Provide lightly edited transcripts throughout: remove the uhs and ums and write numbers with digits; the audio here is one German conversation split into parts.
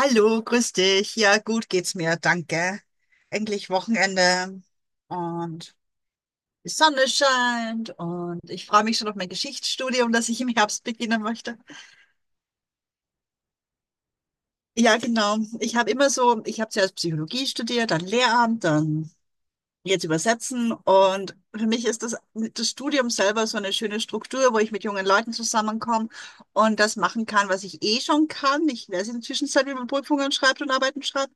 Hallo, grüß dich. Ja, gut geht's mir, danke. Endlich Wochenende und die Sonne scheint und ich freue mich schon auf mein Geschichtsstudium, das ich im Herbst beginnen möchte. Ja, genau. Ich habe immer so, ich habe zuerst Psychologie studiert, dann Lehramt, dann jetzt übersetzen. Und für mich ist das Studium selber so eine schöne Struktur, wo ich mit jungen Leuten zusammenkomme und das machen kann, was ich eh schon kann. Ich weiß in der Zwischenzeit, wie man Prüfungen schreibt und Arbeiten schreibt.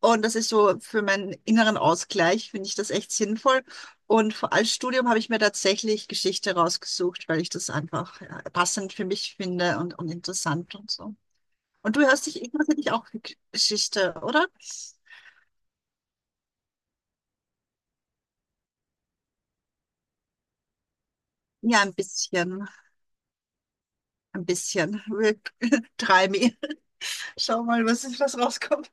Und das ist so für meinen inneren Ausgleich, finde ich das echt sinnvoll. Und als Studium habe ich mir tatsächlich Geschichte rausgesucht, weil ich das einfach ja, passend für mich finde und interessant und so. Und du hörst dich, interessierst dich auch für Geschichte, oder? Ja, ein bisschen. Ein bisschen. Try me. Schau mal, was rauskommt.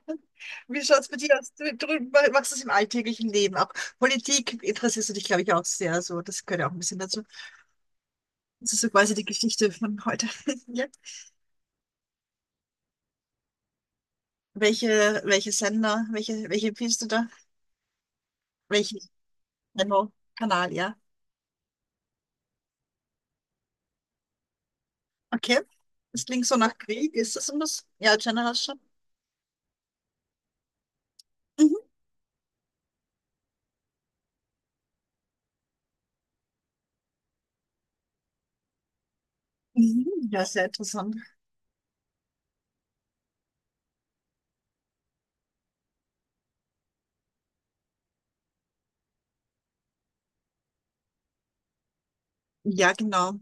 Wie schaut's mit dir aus? Du machst es im alltäglichen Leben. Auch Politik interessierst du dich, glaube ich, auch sehr. So, das gehört ja auch ein bisschen dazu. Das ist so quasi die Geschichte von heute. Ja. Welche Sender, welche empfiehlst du da? Welchen Channel? Kanal, ja. Okay. Das klingt so nach Krieg. Ist das und das? Ja, Generation. Mhm. Mhm. Ja, sehr interessant. Ja, genau.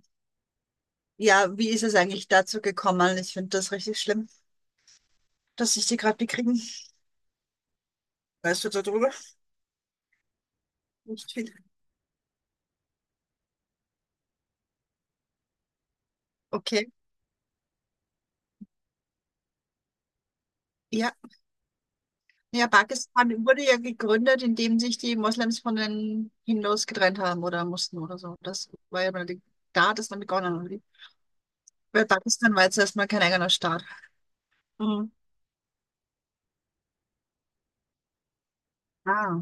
Ja, wie ist es eigentlich dazu gekommen? Ich finde das richtig schlimm, dass ich die gerade bekriegen. Weißt du darüber? Nicht viel. Okay. Ja. Ja, Pakistan wurde ja gegründet, indem sich die Moslems von den Hindus getrennt haben oder mussten oder so. Das war ja mal die, da hat es dann begonnen, oder wie? Weil Pakistan war jetzt erstmal kein eigener Staat. Mhm. Ah,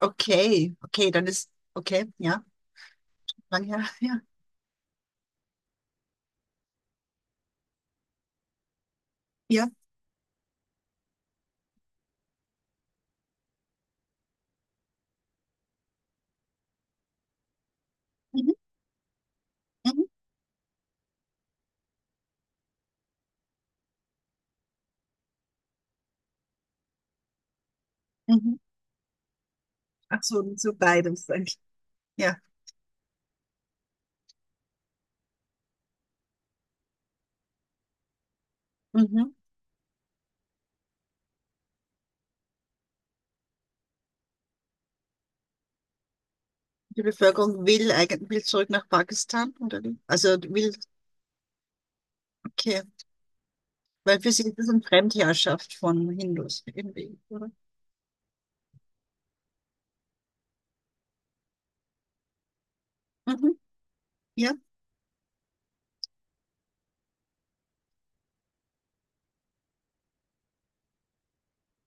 okay. Okay, dann ist, okay, ja, lang her, ja. Ja. Mhm. Mhm. Mhm. Ach so, so beides eigentlich. Ja. Mhm. Die Bevölkerung will eigentlich will zurück nach Pakistan, oder wie? Also will, okay. Weil für sie ist das eine Fremdherrschaft von Hindus irgendwie, oder? Mhm. Ja,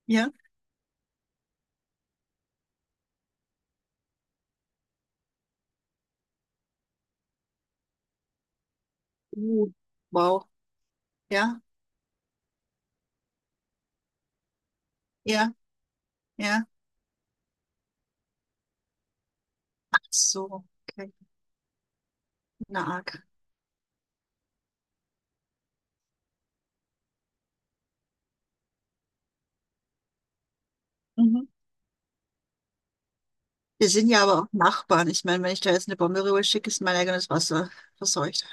ja. Uh, wow. Ja, ja, ja. Ach so, okay. Na arg. Mhm. Wir sind ja aber auch Nachbarn. Ich meine, wenn ich da jetzt eine Bombe rüber schicke, ist mein eigenes Wasser verseucht.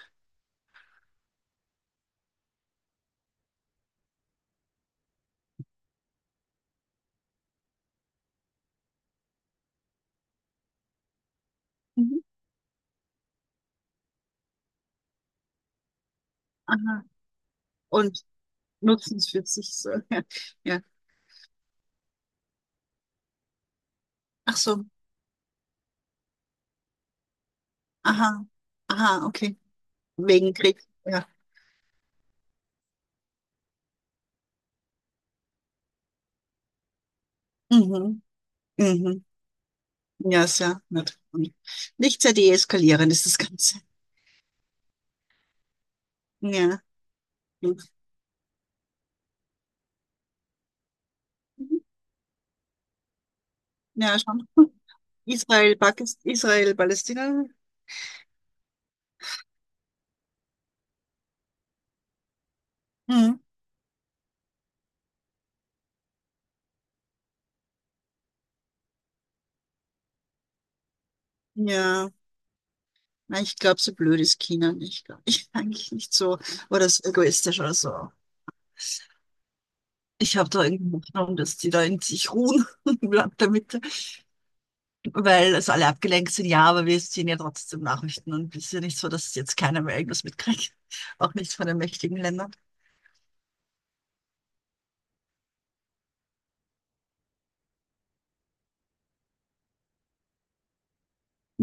Mhm. Aha. Und nutzen es für sich so. Ja. Ja. Ach so. Aha, aha, okay. Wegen Krieg. Ja. Mhm. Mhm. Ja, ist ja nett. Nicht sehr deeskalierend ist das Ganze. Ja. Mhm. Ja, schon. Israel, Pakistan, Israel, Palästina? Hm. Ja, nein, ich glaube, so blöd ist China nicht, glaub ich eigentlich nicht so. Oder so egoistisch oder so. Ich habe da irgendwie Hoffnung, dass die da in sich ruhen im Land der Mitte, weil es alle abgelenkt sind. Ja, aber wir sehen ja trotzdem Nachrichten und es ist ja nicht so, dass jetzt keiner mehr irgendwas mitkriegt. Auch nicht von den mächtigen Ländern.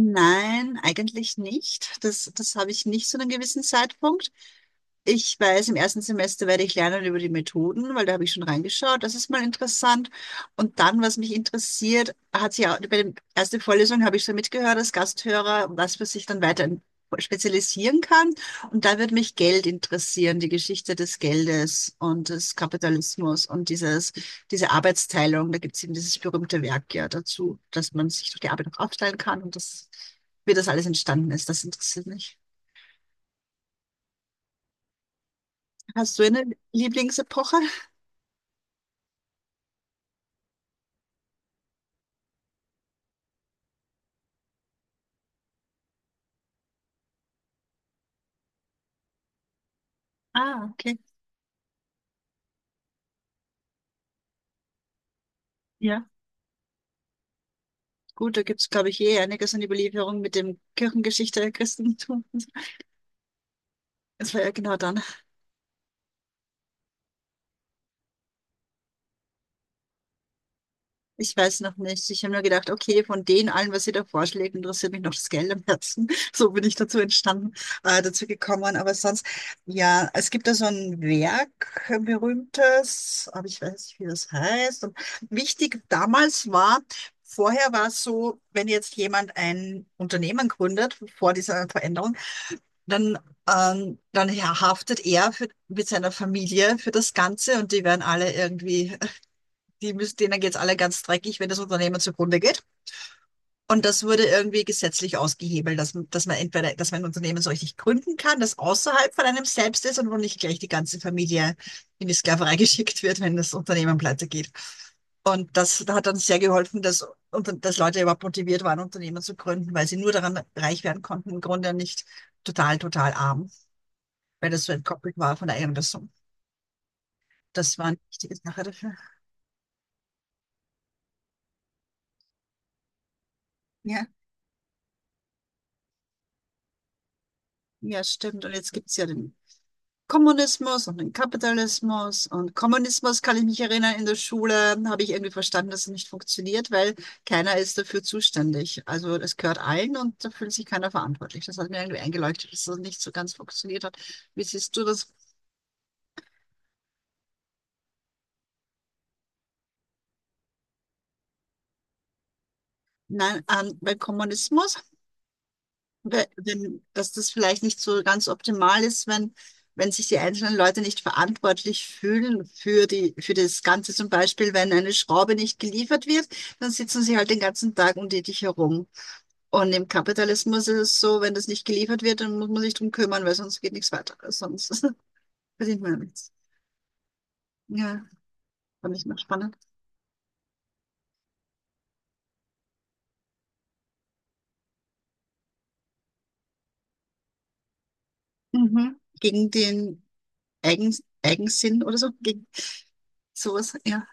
Nein, eigentlich nicht. Das habe ich nicht zu einem gewissen Zeitpunkt. Ich weiß, im ersten Semester werde ich lernen über die Methoden, weil da habe ich schon reingeschaut. Das ist mal interessant. Und dann, was mich interessiert, hat sich auch, bei der ersten Vorlesung habe ich so mitgehört als Gasthörer, was man sich dann weiter spezialisieren kann. Und da wird mich Geld interessieren, die Geschichte des Geldes und des Kapitalismus und dieses, diese Arbeitsteilung. Da gibt es eben dieses berühmte Werk ja dazu, dass man sich durch die Arbeit auch aufteilen kann und das, wie das alles entstanden ist. Das interessiert mich. Hast du eine Lieblingsepoche? Ah, okay. Ja, gut, da gibt es, glaube ich, eh einiges an Überlieferung mit dem Kirchengeschichte, Christentum. Das war ja genau dann. Ich weiß noch nicht. Ich habe nur gedacht, okay, von denen allen, was ihr da vorschlägt, interessiert mich noch das Geld am Herzen. So bin ich dazu entstanden, dazu gekommen. Aber sonst, ja, es gibt da so ein Werk, ein berühmtes, aber ich weiß nicht, wie das heißt. Und wichtig damals war, vorher war es so, wenn jetzt jemand ein Unternehmen gründet, vor dieser Veränderung, dann, dann haftet er für, mit seiner Familie für das Ganze und die werden alle irgendwie, die müssen, denen geht's alle ganz dreckig, wenn das Unternehmen zugrunde geht. Und das wurde irgendwie gesetzlich ausgehebelt, dass man entweder, dass man ein Unternehmen so richtig gründen kann, das außerhalb von einem selbst ist und wo nicht gleich die ganze Familie in die Sklaverei geschickt wird, wenn das Unternehmen pleite geht. Und das hat dann sehr geholfen, dass, und dass Leute überhaupt motiviert waren, Unternehmen zu gründen, weil sie nur daran reich werden konnten, im Grunde nicht total, total arm, weil das so entkoppelt war von der Einrissung. Das war eine wichtige Sache dafür. Ja, ja, stimmt. Und jetzt gibt es ja den Kommunismus und den Kapitalismus. Und Kommunismus kann ich mich erinnern, in der Schule habe ich irgendwie verstanden, dass es nicht funktioniert, weil keiner ist dafür zuständig. Also es gehört allen und da fühlt sich keiner verantwortlich. Das hat mir irgendwie eingeleuchtet, dass das nicht so ganz funktioniert hat. Wie siehst du das? Nein, beim Kommunismus wenn, dass das vielleicht nicht so ganz optimal ist, wenn, wenn sich die einzelnen Leute nicht verantwortlich fühlen für die, für das Ganze. Zum Beispiel, wenn eine Schraube nicht geliefert wird, dann sitzen sie halt den ganzen Tag um herum. Und im Kapitalismus ist es so, wenn das nicht geliefert wird, dann muss man sich drum kümmern, weil sonst geht nichts weiter. Sonst verdient man ja nichts. Ja, fand ich noch spannend. Mhm. Gegen den Eigen, Eigensinn oder so, gegen sowas, ja.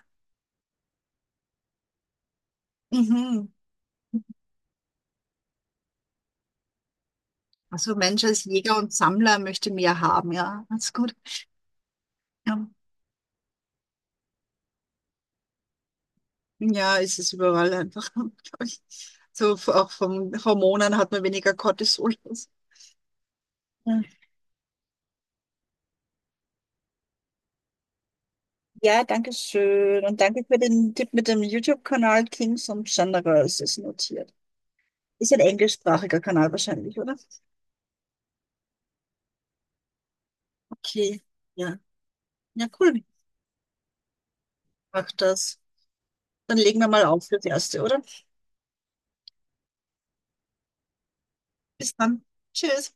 Mhm. Also Mensch als Jäger und Sammler möchte mehr haben, ja. That's gut. Ja, ja ist es überall einfach, glaub ich. Auch von Hormonen hat man weniger Cortisol. Ja, ja, danke schön. Und danke für den Tipp mit dem YouTube-Kanal Kings und Generals ist notiert. Ist ein englischsprachiger Kanal wahrscheinlich, oder? Okay, ja. Ja, cool. Mach das. Dann legen wir mal auf fürs Erste, oder? Bis dann. Tschüss.